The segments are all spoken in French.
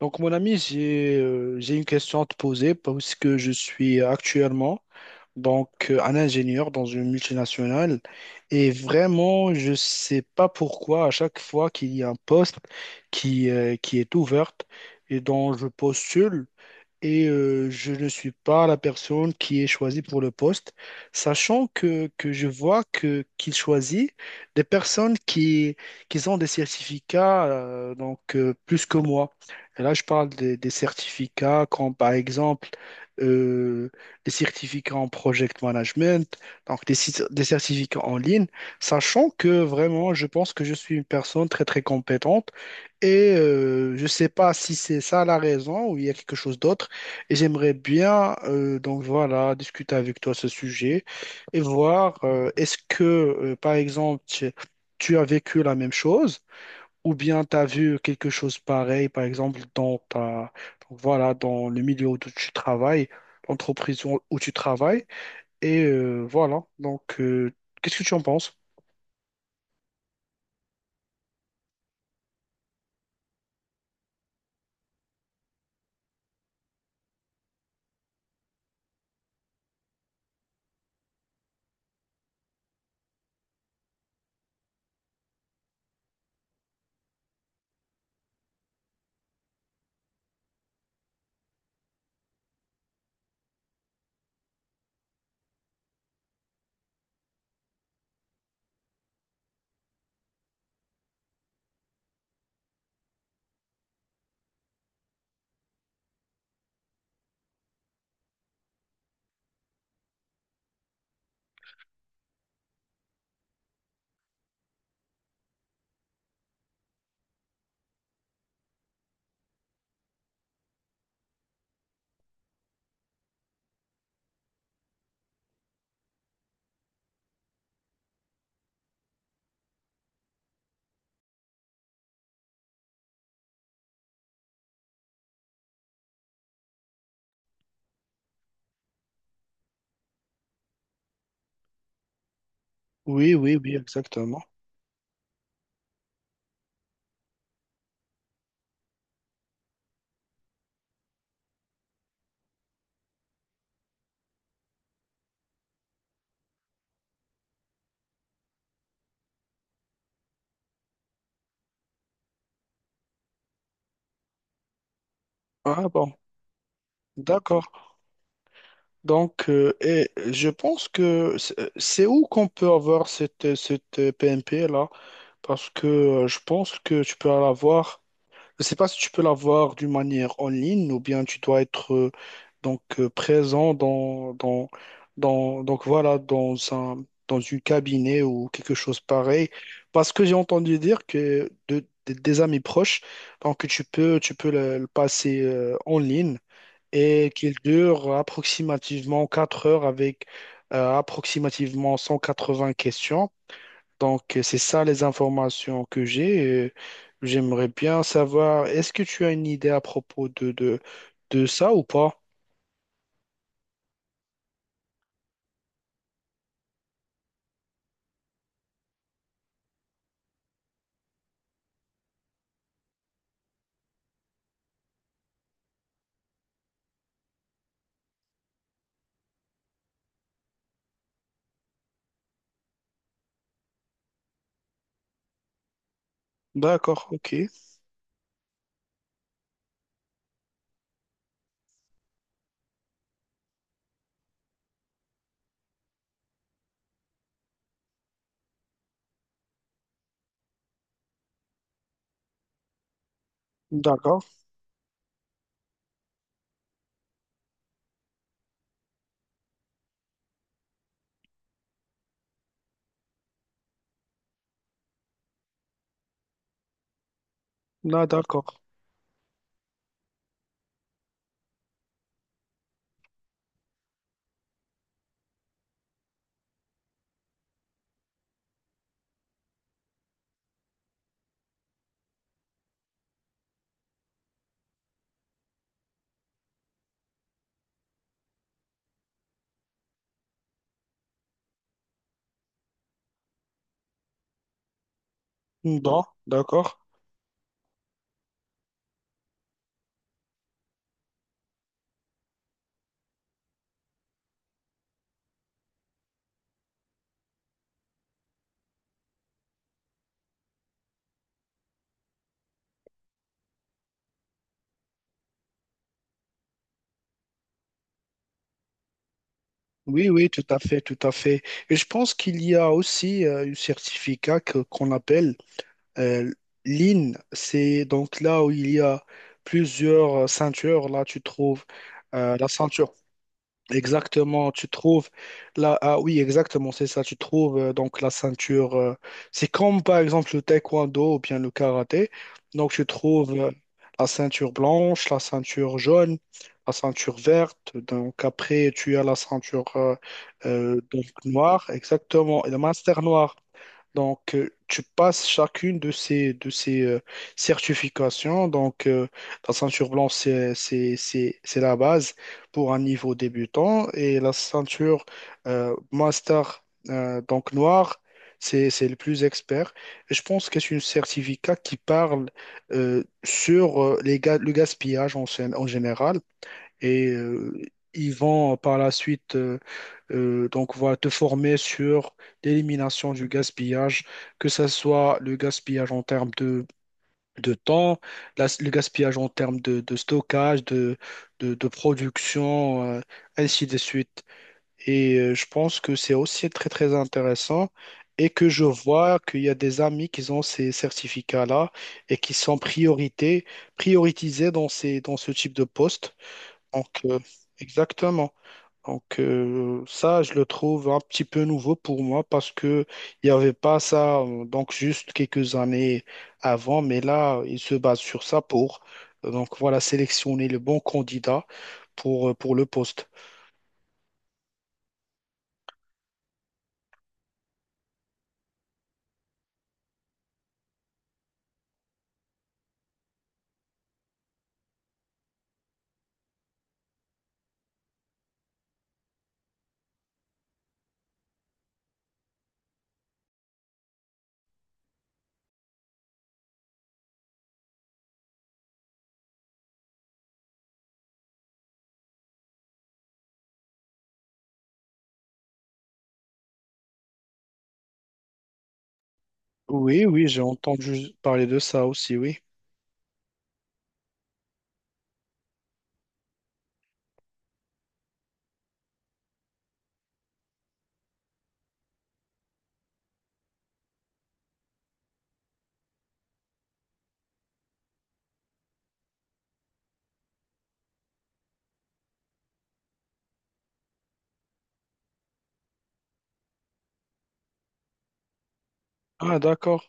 Donc, mon ami, j'ai une question à te poser parce que je suis actuellement un ingénieur dans une multinationale. Et vraiment, je ne sais pas pourquoi à chaque fois qu'il y a un poste qui est ouvert et dont je postule, je ne suis pas la personne qui est choisie pour le poste, sachant que je vois que qu'il choisit des personnes qui ont des certificats plus que moi. Et là, je parle des certificats comme par exemple euh, des certificats en project management, donc des certificats en ligne, sachant que vraiment, je pense que je suis une personne très très compétente. Je ne sais pas si c'est ça la raison ou il y a quelque chose d'autre. Et j'aimerais bien voilà discuter avec toi ce sujet et voir est-ce que par exemple tu as vécu la même chose ou bien tu as vu quelque chose pareil par exemple dans ta donc voilà dans le milieu où tu travailles, l'entreprise où tu travailles et euh, voilà donc euh, qu'est-ce que tu en penses? Oui, oui, oui, exactement. Ah bon, d'accord, donc et je pense que c'est où qu'on peut avoir cette PMP là? Parce que je pense que tu peux l'avoir. Je ne sais pas si tu peux l'avoir d'une manière en ligne ou bien tu dois être présent dans donc voilà dans un dans une cabinet ou quelque chose pareil. Parce que j'ai entendu dire que des amis proches, donc tu peux le passer en ligne et qu'il dure approximativement 4 heures avec approximativement 180 questions. Donc, c'est ça les informations que j'ai. J'aimerais bien savoir, est-ce que tu as une idée à propos de ça ou pas? D'accord, ok. D'accord. Là, d'accord. Bon, d'accord. Oui, oui, tout à fait, tout à fait. Et je pense qu'il y a aussi un certificat qu'on appelle euh, l'IN. C'est donc là où il y a plusieurs ceintures. Là, tu trouves la ceinture. Exactement, tu trouves là, ah oui, exactement, c'est ça, tu trouves la ceinture, c'est comme par exemple le taekwondo ou bien le karaté, donc tu trouves la ceinture blanche, la ceinture jaune, la ceinture verte, donc après tu as la ceinture noire, exactement, et le master noir. Donc, tu passes chacune de ces certifications. Donc, la ceinture blanche, c'est la base pour un niveau débutant. Et la ceinture master, noire, c'est le plus expert. Et je pense que c'est un certificat qui parle sur le gaspillage en, en général. Et ils vont par la suite voilà, te former sur l'élimination du gaspillage, que ce soit le gaspillage en termes de temps, le gaspillage en termes de stockage, de production, ainsi de suite. Et je pense que c'est aussi très, très intéressant, et que je vois qu'il y a des amis qui ont ces certificats-là et qui sont priorités, prioritisés dans dans ce type de poste. Donc, exactement. Donc ça, je le trouve un petit peu nouveau pour moi parce que il n'y avait pas ça, juste quelques années avant, mais là, il se base sur ça pour voilà sélectionner le bon candidat pour le poste. Oui, oui, j'ai entendu parler de ça aussi, oui. Ah, d'accord.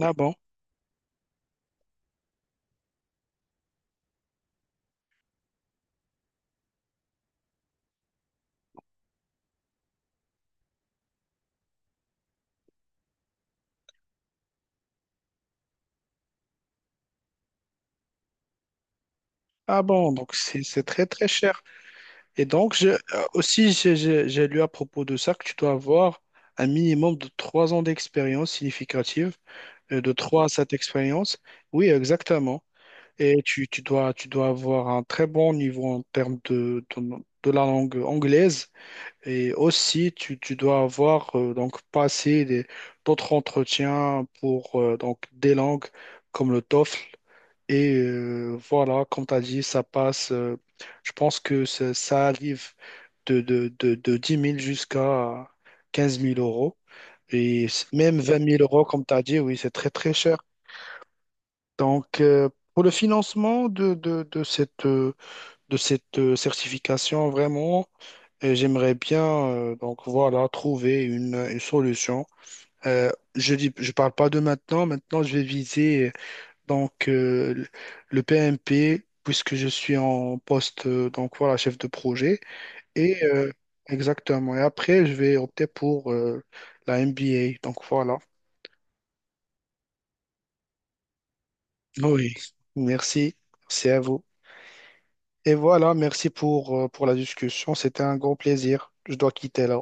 Ah bon. Ah bon, donc c'est très très cher. Et donc, aussi, j'ai lu à propos de ça que tu dois avoir un minimum de 3 ans d'expérience significative de 3 à 7 expériences. Oui, exactement. Et tu dois avoir un très bon niveau en termes de la langue anglaise. Et aussi, tu dois avoir passé d'autres entretiens pour des langues comme le TOEFL. Et voilà, comme tu as dit, ça passe. Je pense que ça arrive de 10 000 jusqu'à 15 000 euros. Et même 20 000 euros, comme tu as dit, oui, c'est très très cher. Donc, pour le financement de cette certification, vraiment, j'aimerais bien voilà, trouver une solution. Euh, je dis, je parle pas de maintenant. Maintenant, je vais viser donc euh, le le PMP puisque je suis en poste voilà chef de projet et euh, exactement. Et après, je vais opter pour la MBA. Donc voilà. Oui, merci. Merci à vous. Et voilà, merci pour la discussion. C'était un grand plaisir. Je dois quitter là.